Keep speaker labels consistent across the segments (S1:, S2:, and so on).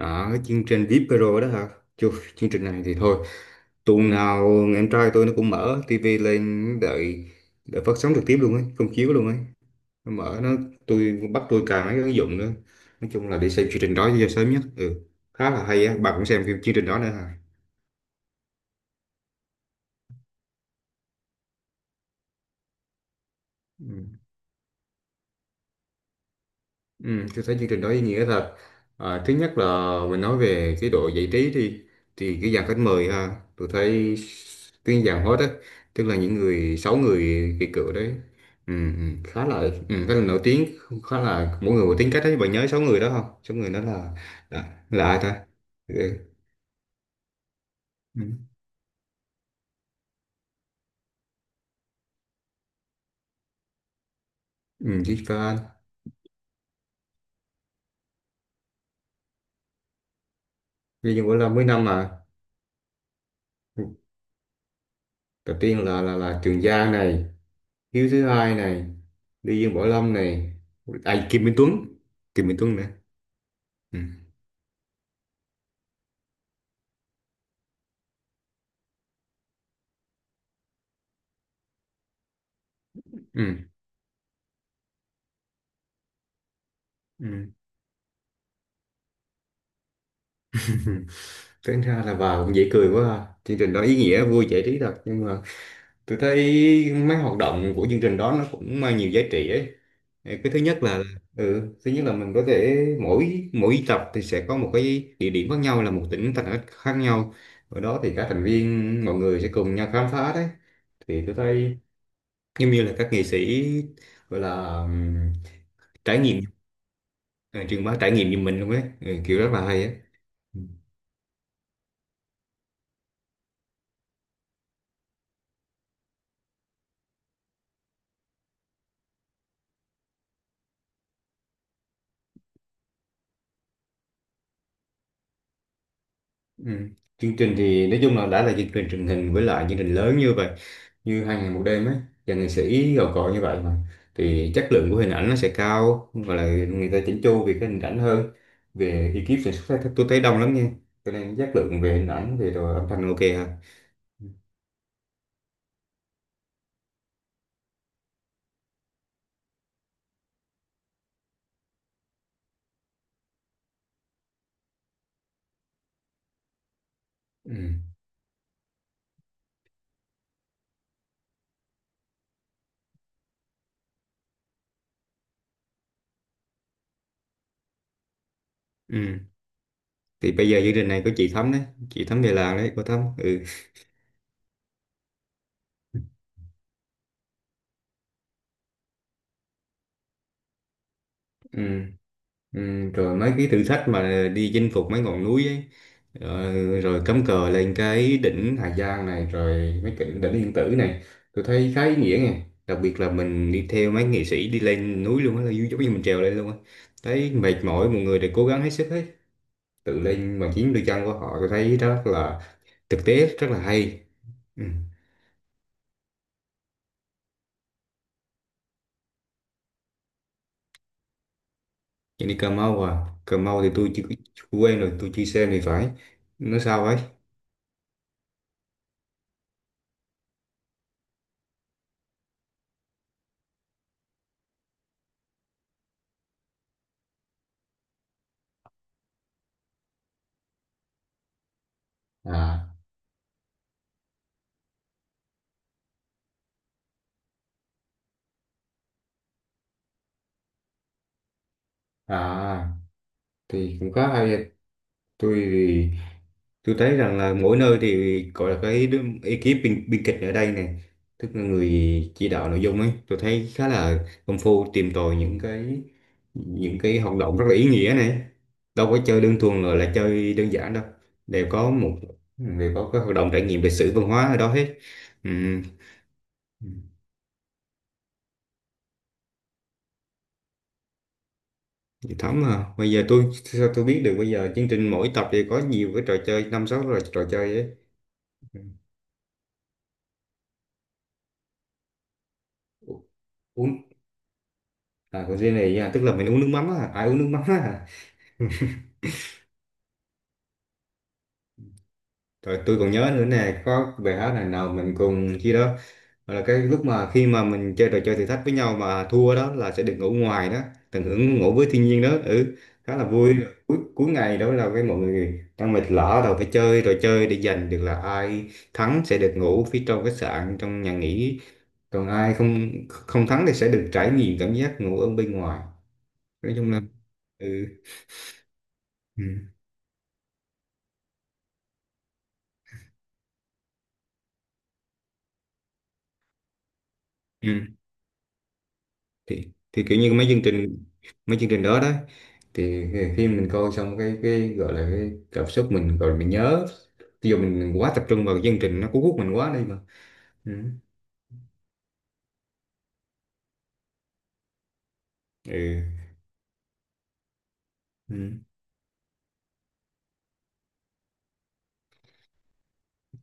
S1: Đó, cái chương trình VIP Pro đó hả? Chù, chương trình này thì thôi. Tuần nào em trai tôi nó cũng mở tivi lên đợi đợi phát sóng trực tiếp luôn ấy, công chiếu luôn ấy. Nó mở nó tôi bắt tôi cài mấy cái ứng dụng nữa. Nói chung là để xem chương trình đó cho sớm nhất. Ừ, khá là hay á. Bà cũng xem phim chương trình đó nữa hả? Ừ. Ừ, tôi thấy chương trình đó ý nghĩa thật. À, thứ nhất là mình nói về cái độ giải trí đi, thì cái dàn khách mời ha, tôi thấy cái dàn host á, tức là những người sáu người kỳ cựu đấy, khá là khá là nổi tiếng, khá là mỗi người một tính cách đấy. Bạn nhớ sáu người đó không? Sáu người đó là là ai ta? Ừ, ừ, ừ, Chí Phan, Duy Dương Vũ Lâm mấy năm mà. Đầu tiên là Trường Giang này, Hiếu thứ hai này, Duy Dương Võ Lâm này, ai Kim Minh Tuấn. Kim Minh Tuấn. ừ, ừ, ừ. Tính ra là bà cũng dễ cười quá ha. Chương trình đó ý nghĩa vui giải trí thật, nhưng mà tôi thấy mấy hoạt động của chương trình đó nó cũng mang nhiều giá trị ấy. Cái thứ nhất là thứ nhất là mình có thể mỗi mỗi tập thì sẽ có một cái địa điểm khác nhau, là một tỉnh thành khác khác nhau. Ở đó thì các thành viên mọi người sẽ cùng nhau khám phá đấy. Thì tôi thấy giống như là các nghệ sĩ gọi là trải nghiệm, ờ, truyền bá trải nghiệm như mình luôn ấy, ừ, kiểu rất là hay ấy. Ừ. Ừ. Chương trình thì nói chung là đã là chương trình truyền hình, với lại chương trình lớn như vậy như hai ngày một đêm ấy, và nghệ sĩ gạo cội như vậy, mà thì chất lượng của hình ảnh nó sẽ cao và là người ta chỉnh chu về cái hình ảnh hơn. Về ekip sản xuất thì tôi thấy đông lắm nha, cho nên chất lượng về hình ảnh, về đồ âm thanh ok ha. Ừ. Ừ. Thì bây giờ chương trình này có chị Thắm đấy, chị Thắm về làng đấy, cô Thắm ừ. Ừ. Ừ. Rồi mấy cái thử thách mà đi chinh phục mấy ngọn núi ấy, rồi cắm cờ lên cái đỉnh Hà Giang này, rồi mấy cái đỉnh Yên Tử này, tôi thấy khá ý nghĩa này. Đặc biệt là mình đi theo mấy nghệ sĩ đi lên núi luôn á, là giống như mình trèo lên luôn á, thấy mệt mỏi mọi người đều cố gắng hết sức, hết tự lên bằng chính đôi chân của họ, tôi thấy rất là thực tế, rất là hay. Ừ. Nhưng đi Cà Mau à, Cà Mau thì tôi chưa, chưa quen, rồi tôi chưa xem thì phải, nó sao ấy. À, à thì cũng khá hay. Tôi thì tôi thấy rằng là mỗi nơi thì gọi là cái đứa- ekip biên kịch ở đây này, tức là người chỉ đạo nội dung ấy, tôi thấy khá là công phu tìm tòi những cái, những cái hoạt động rất là ý nghĩa này. Đâu có chơi đơn thuần là chơi đơn giản đâu, đều có một, đều có cái hoạt động trải nghiệm lịch sử văn hóa ở đó hết. Ừm. Chị Thắm à, bây giờ tôi sao tôi biết được, bây giờ chương trình mỗi tập thì có nhiều cái trò chơi, năm sáu trò chơi ấy. Ừ. Uống. À, của riêng này nha, tức là mình uống nước mắm á, ai uống nước mắm á. Rồi tôi còn nhớ nữa nè, có bài hát này nào mình cùng chi đó, gọi là cái lúc mà khi mà mình chơi trò chơi thử thách với nhau mà thua đó là sẽ được ngủ ngoài đó, tận hưởng ngủ với thiên nhiên đó, ừ, khá là vui. Cuối ngày đó là cái mọi người đang mệt lả rồi phải chơi trò chơi để giành được là ai thắng sẽ được ngủ phía trong khách sạn, trong nhà nghỉ, còn ai không không thắng thì sẽ được trải nghiệm cảm giác ngủ ở bên ngoài. Nói chung là ừ. Ừ. Ừ. Thì kiểu như mấy chương trình, mấy chương trình đó đó thì khi mình coi xong cái gọi là cái cảm xúc mình gọi là mình nhớ, ví dụ mình quá tập trung vào cái chương trình, nó cuốn hút mình quá đi mà. Ừ. Ừ. Ừ.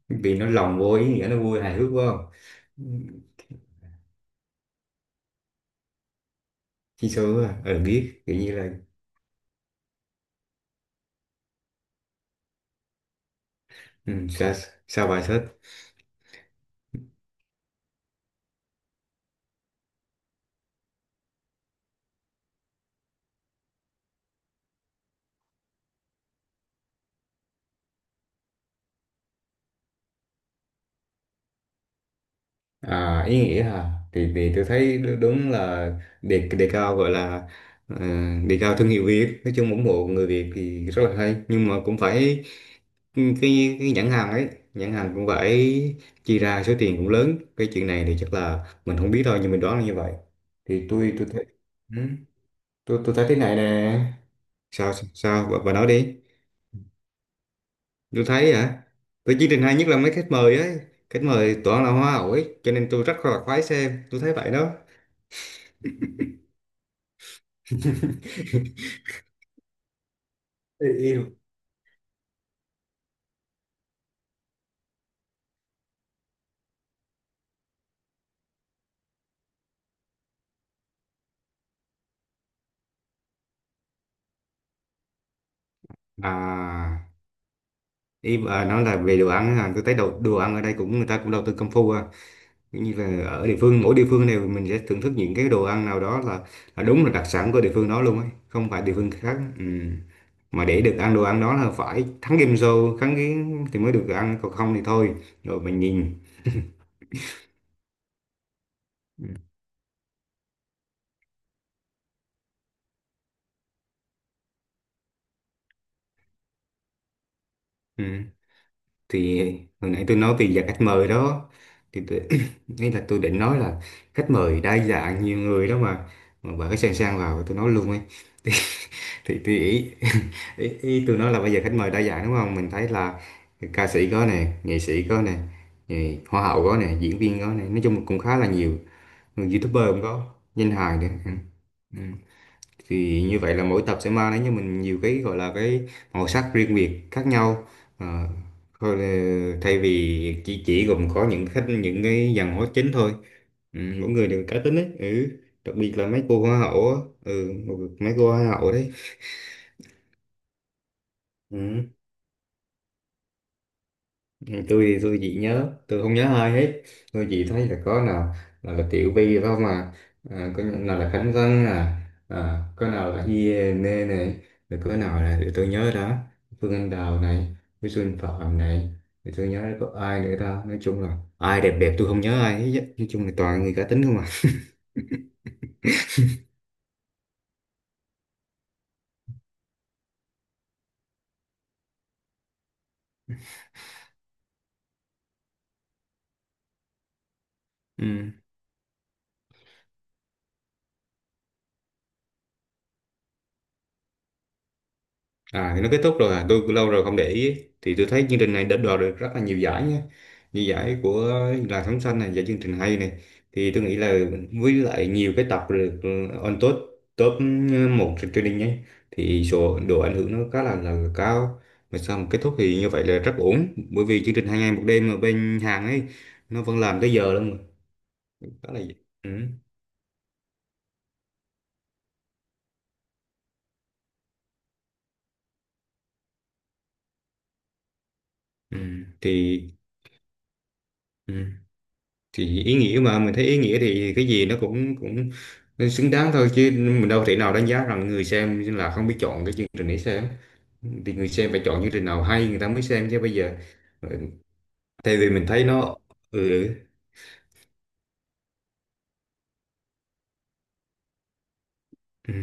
S1: Vì nó lồng vô ý nghĩa, nó vui hài hước quá không? Chi số à, ừ, biết, kiểu như là ừ, sao, sao bài sách. À, ý nghĩa hả, thì tôi thấy đú- đúng là đề đề cao gọi là, ờ, đề cao thương hiệu Việt, nói chung ủng hộ người Việt thì rất là hay, nhưng mà cũng phải cái cái nhãn hàng ấy, nhãn hàng cũng phải chi ra số tiền cũng lớn, cái chuyện này thì chắc là mình không biết thôi nhưng mình đoán là như vậy. Thì tôi thấy ừ, tôi thấy thế này nè. Sao, sao bà nói đi. Tôi thấy hả? Tôi chỉ định hay nhất là mấy khách mời ấy, khách mời toàn là hoa hậu ấy, cho nên tôi rất là khoái xem, tôi thấy vậy đó. Ê, yêu. À, ý bà nói là về đồ ăn hả, tôi thấy đồ đồ ăn ở đây cũng người ta cũng đầu tư công phu à. Như là ở địa phương, mỗi địa phương này mình sẽ thưởng thức những cái đồ ăn nào đó, là đúng là đặc sản của địa phương đó luôn ấy, không phải địa phương khác, ừ. Mà để được ăn đồ ăn đó là phải thắng game show, thắng cái thì mới được ăn, còn không thì thôi, rồi mình nhìn. Ừ. Thì hồi nãy tôi nói về dạng khách mời đó, thì tôi, ý là tôi định nói là khách mời đa dạng nhiều người đó mà bà cái sang sang vào tôi nói luôn ấy. Thì tôi ý, ý, ý tôi nói là bây giờ khách mời đa dạng đúng không, mình thấy là ca sĩ có nè, nghệ sĩ có nè, nghệ- hoa hậu có nè, diễn viên có nè, nói chung cũng khá là nhiều, người youtuber cũng có, danh hài nữa, ừ. Ừ. Thì như vậy là mỗi tập sẽ mang đến cho mình nhiều cái gọi là cái màu sắc riêng biệt khác nhau. Ờ, thôi là- thay vì chỉ gồm có những khách, những cái dàn hóa chính thôi, ừ, mỗi người đều cá tính ấy, ừ. Đặc biệt là mấy cô hoa hậu á, ừ, mấy cô hoa hậu đấy. Ừ. Ừ, tôi thì tôi chỉ nhớ, tôi không nhớ ai hết, tôi chỉ thấy là có nào là Tiểu Vy phải không à, à có nào là Khánh Vân à, à có nào là Hiền này, rồi có nào là để tôi nhớ đó, Phương Anh Đào này với Xuân Phạm này, thì tôi nhớ có ai nữa ta, nói chung là ai đẹp đẹp tôi không nhớ ai hết á. Nói chung là toàn người cá tính không à. Ừ. À thì nó kết thúc rồi à, tôi lâu rồi không để ý. Thì tôi thấy chương trình này đã đoạt được rất là nhiều giải nhé, như giải của làn sóng xanh này, giải chương trình hay này, thì tôi nghĩ là với lại nhiều cái tập được ừ, on top, top ừ, một trên truyền hình nhé, thì số độ ảnh hưởng nó khá là cao. Mà sau một kết thúc thì như vậy là rất ổn, bởi vì chương trình hai ngày một đêm ở bên Hàn ấy, nó vẫn làm tới giờ luôn mà. Khá là ừ. Ừ. Thì ừ. Thì ý nghĩa mà mình thấy ý nghĩa thì cái gì nó cũng cũng xứng đáng thôi, chứ mình đâu thể nào đánh giá rằng người xem là không biết chọn cái chương trình để xem. Thì người xem phải chọn chương trình nào hay người ta mới xem chứ, bây giờ ừ, tại vì mình thấy nó ừ, ừ,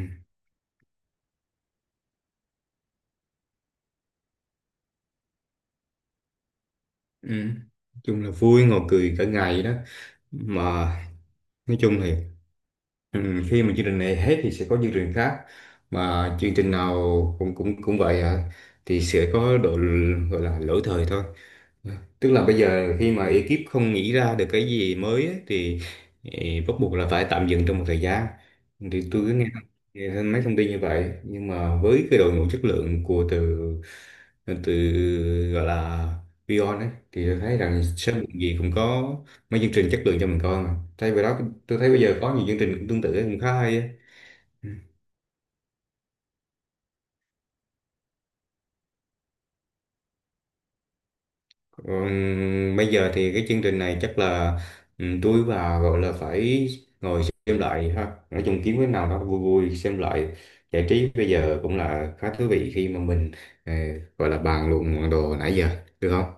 S1: ừ. Nói chung là vui, ngồi cười cả ngày đó, mà nói chung thì ừ, khi mà chương trình này hết thì sẽ có chương trình khác, mà chương trình nào cũng cũng cũng vậy à, thì sẽ có độ l- gọi là lỗi thời thôi. Tức là bây giờ khi mà ekip không nghĩ ra được cái gì mới ấy, thì bắt buộc là phải tạm dừng trong một thời gian. Thì tôi cứ nghe, nghe thêm mấy thông tin như vậy, nhưng mà với cái đội ngũ chất lượng của từ từ gọi là Vion ấy, thì tôi thấy rằng sớm muộn gì cũng có mấy chương trình chất lượng cho mình coi. Mà thay vì đó, tôi thấy bây giờ có nhiều chương trình cũng tương tự cũng khá hay á. Còn bây giờ thì cái chương trình này chắc là ừ, tôi và gọi là phải ngồi xem lại ha, nói chung kiếm cái nào đó vui vui xem lại giải trí, bây giờ cũng là khá thú vị khi mà mình ờ, gọi là bàn luận đồ nãy giờ, được không?